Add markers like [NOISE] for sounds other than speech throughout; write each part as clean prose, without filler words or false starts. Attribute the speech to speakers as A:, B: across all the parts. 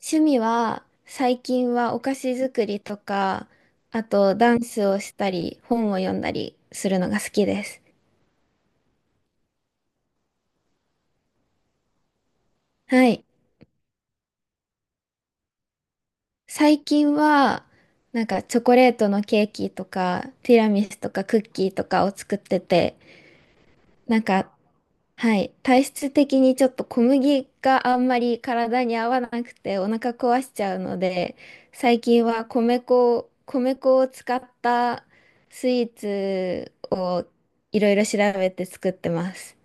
A: 趣味は最近はお菓子作りとか、あとダンスをしたり、本を読んだりするのが好きです。はい。最近はなんかチョコレートのケーキとか、ティラミスとかクッキーとかを作ってて、なんかはい。体質的にちょっと小麦があんまり体に合わなくてお腹壊しちゃうので、最近は米粉を使ったスイーツをいろいろ調べて作ってます。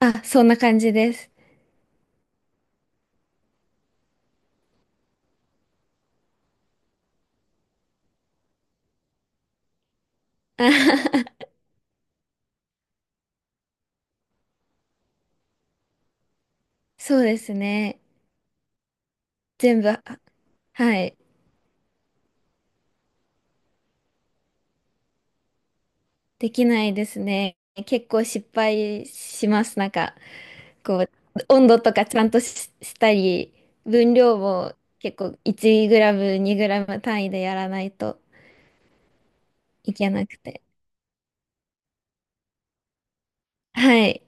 A: あ、そんな感じです。[LAUGHS] あははそうですね。全部、あはい。できないですね。結構失敗します。なんか、こう、温度とかちゃんとし、したり、分量も結構1グラム、2グラム単位でやらないといけなくて。はい。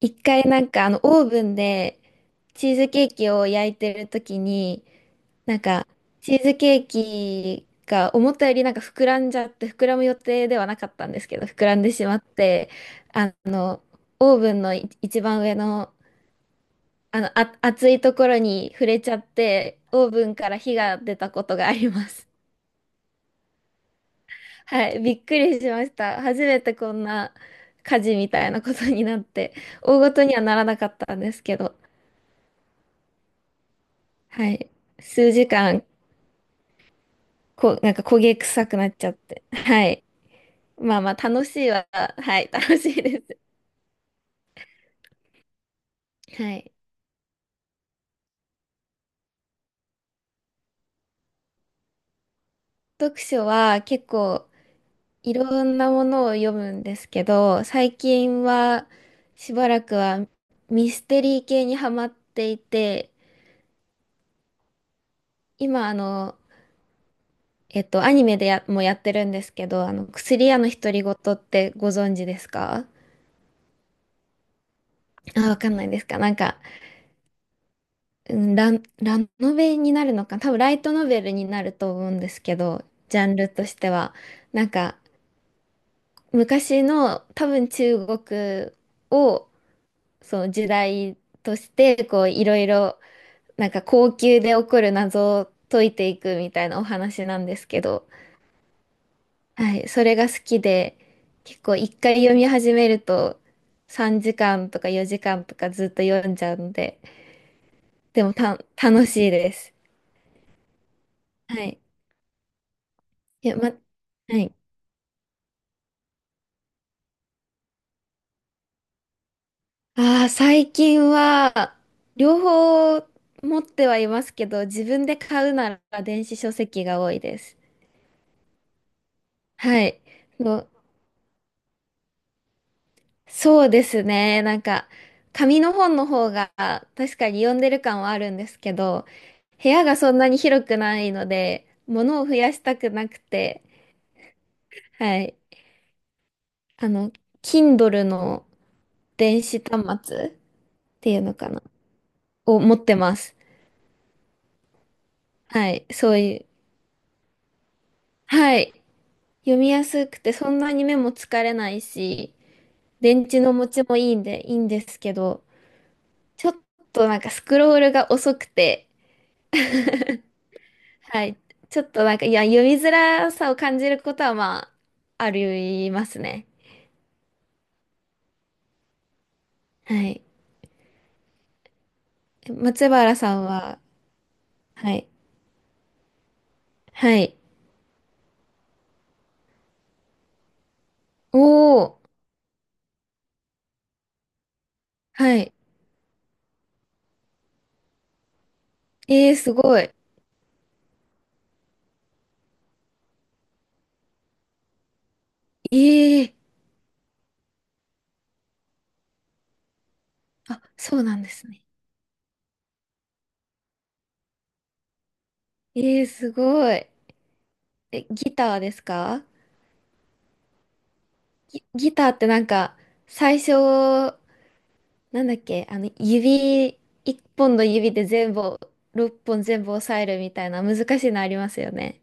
A: 一回なんかあのオーブンでチーズケーキを焼いてる時に、なんかチーズケーキが思ったよりなんか膨らんじゃって、膨らむ予定ではなかったんですけど、膨らんでしまって、あの、オーブンの一番上のあの暑いところに触れちゃって、オーブンから火が出たことがあります。[LAUGHS] はい、びっくりしました。初めてこんな火事みたいなことになって、大事にはならなかったんですけど、はい、数時間、なんか焦げ臭くなっちゃって、はい、まあまあ楽しいは、はい、楽しいです。はい。読書は結構いろんなものを読むんですけど、最近はしばらくはミステリー系にハマっていて、今あの、アニメでや、もやってるんですけど、あの、薬屋の独り言ってご存知ですか？あ、わかんないですか？なんか、うん、ラノベになるのか、多分ライトノベルになると思うんですけど、ジャンルとしては。なんか、昔の多分中国を、その時代として、こう、いろいろなんか後宮で起こる謎を解いていくみたいなお話なんですけど、はい、それが好きで、結構一回読み始めると3時間とか4時間とかずっと読んじゃうので、でもた、楽しいです。はい。いや、ま、はい。ああ、最近は、両方持ってはいますけど、自分で買うなら電子書籍が多いです。はい。そうですね。なんか、紙の本の方が確かに読んでる感はあるんですけど、部屋がそんなに広くないので、物を増やしたくなくて、はい。あの、Kindle の電子端末ていうのかなを持ってます。はい。そういう。はい。読みやすくて、そんなに目も疲れないし、電池の持ちもいいんで、いいんですけど、ちょっとなんかスクロールが遅くて、はい。ちょっとなんか、いや、読みづらさを感じることは、まあ、ありますね。はい。松原さんは、はい。はい。おー。はい。えー、すごい。えー。あ、そうなんですね。えー、すごい。え、ギターですか？ギターってなんか、最初、なんだっけ、あの、指、一本の指で全部、六本全部押さえるみたいな難しいのありますよね。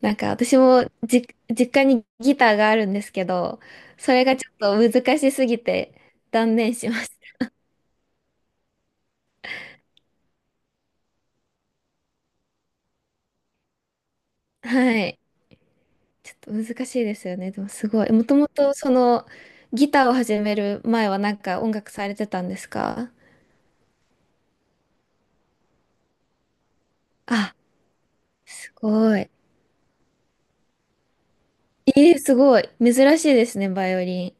A: なんか私もじ、実家にギターがあるんですけど、それがちょっと難しすぎて断念しました。[LAUGHS] はい。ちょっと難しいですよね。でもすごい。もともとそのギターを始める前はなんか音楽されてたんですか？あ、すごい。えー、すごい。珍しいですね、バイオリン。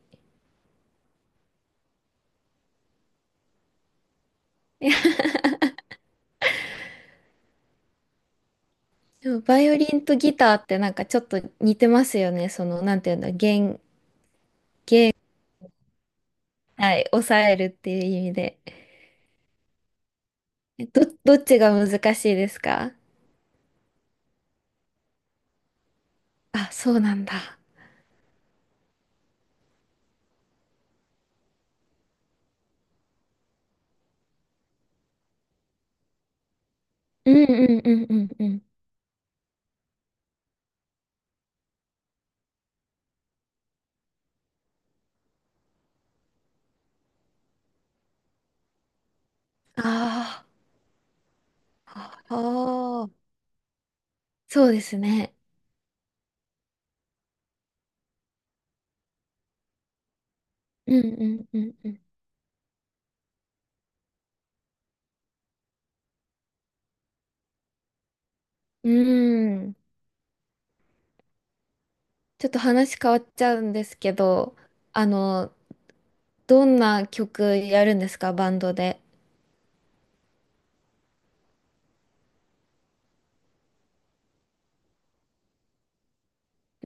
A: いや、でもバイオリンとギターってなんかちょっと似てますよね。その、なんていうんだ、弦、はい、抑えるっていう意味で。えど、どっちが難しいですか？あ、そうなんだ。うんうんうんうんうん。ああ、ああ、そうですね。うんうんうんうん。うーん。ちょっと話変わっちゃうんですけど、あの、どんな曲やるんですか、バンドで。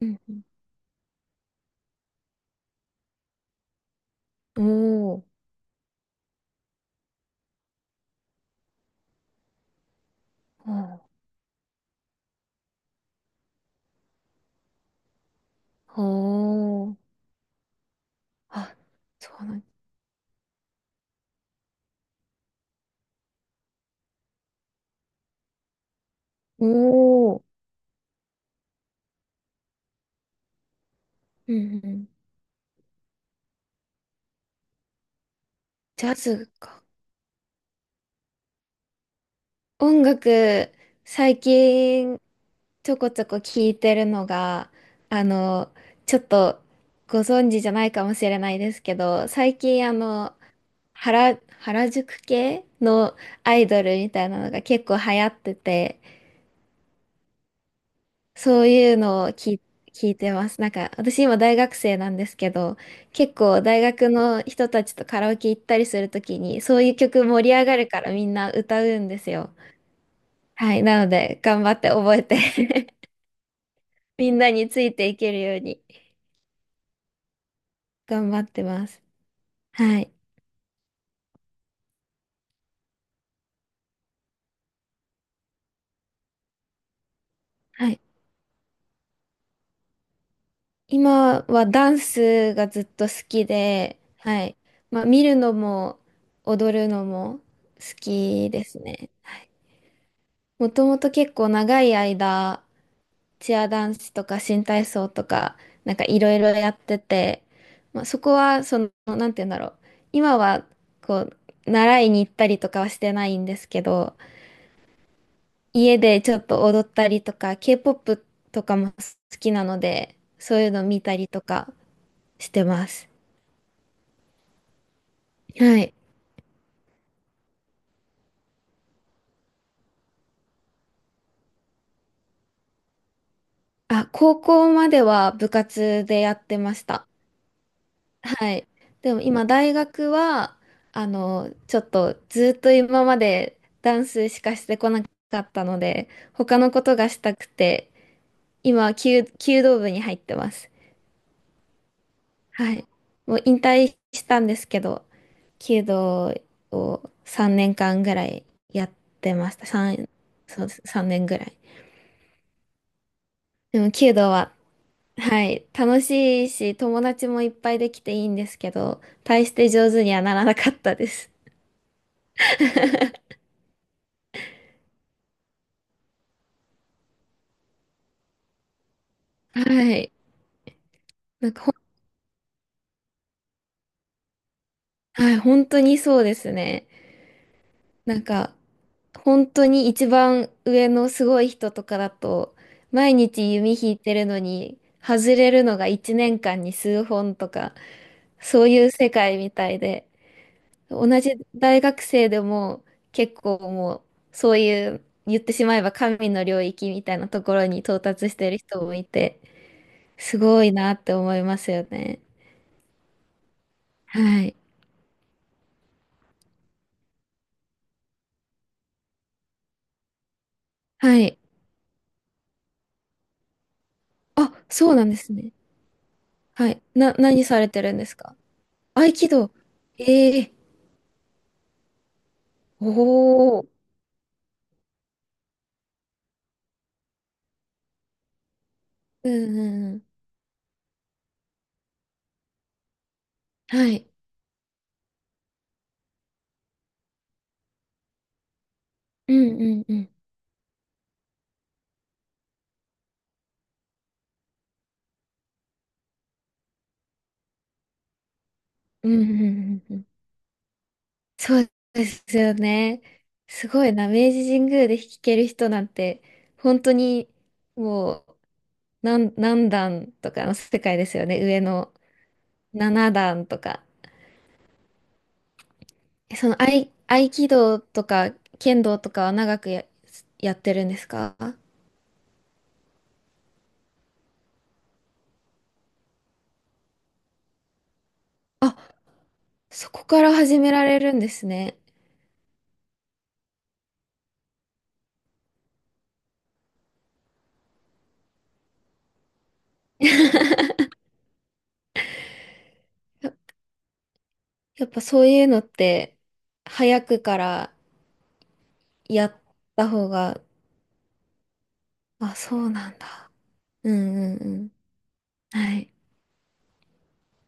A: うんうんおーおー、おお、あ、そうなん、おお、うんうん。ジャズか。音楽、最近ちょこちょこ聞いてるのが、あの、ちょっとご存知じゃないかもしれないですけど、最近あの、原宿系のアイドルみたいなのが結構流行ってて、そういうのを聞いてます。なんか、私今大学生なんですけど、結構大学の人たちとカラオケ行ったりするときに、そういう曲盛り上がるからみんな歌うんですよ。はい。なので、頑張って覚えて [LAUGHS] みんなについていけるように頑張ってます。はい。はい。今はダンスがずっと好きで、はい。まあ、見るのも踊るのも好きですね。はい。もともと結構長い間、チアダンスとか新体操とか、なんかいろいろやってて、まあ、そこは、その、なんて言うんだろう。今は、こう、習いに行ったりとかはしてないんですけど、家でちょっと踊ったりとか、K-POP とかも好きなので、そういうの見たりとかしてます。はい。あ、高校までは部活でやってました。はい。でも今大学は、あの、ちょっとずっと今までダンスしかしてこなかったので、他のことがしたくて、今、弓道部に入ってます。はい。もう引退したんですけど、弓道を3年間ぐらいやってました。3、そうです、年ぐらい。でも弓道は、はい、楽しいし、友達もいっぱいできていいんですけど、大して上手にはならなかったです。はい。なんかほん、はい、本当にそうですね。なんか、本当に一番上のすごい人とかだと、毎日弓引いてるのに、外れるのが1年間に数本とか、そういう世界みたいで、同じ大学生でも結構う、そういう、言ってしまえば神の領域みたいなところに到達してる人もいて、すごいなって思いますよね。はい。はい。あ、そうなんですね。はい。な、何されてるんですか？合気道。ええおお。うんうんうん。はい。うんうんうん。うんうんうんうん。そうですよね。すごいな。明治神宮で弾ける人なんて、本当にもう何段とかの世界ですよね。上の7段とか。え、その合気道とか剣道とかは長くやってるんですか？あ、そこから始められるんですね。や [LAUGHS] やっぱそういうのって、早くからやった方が、あ、そうなんだ。うんうんうん。はい。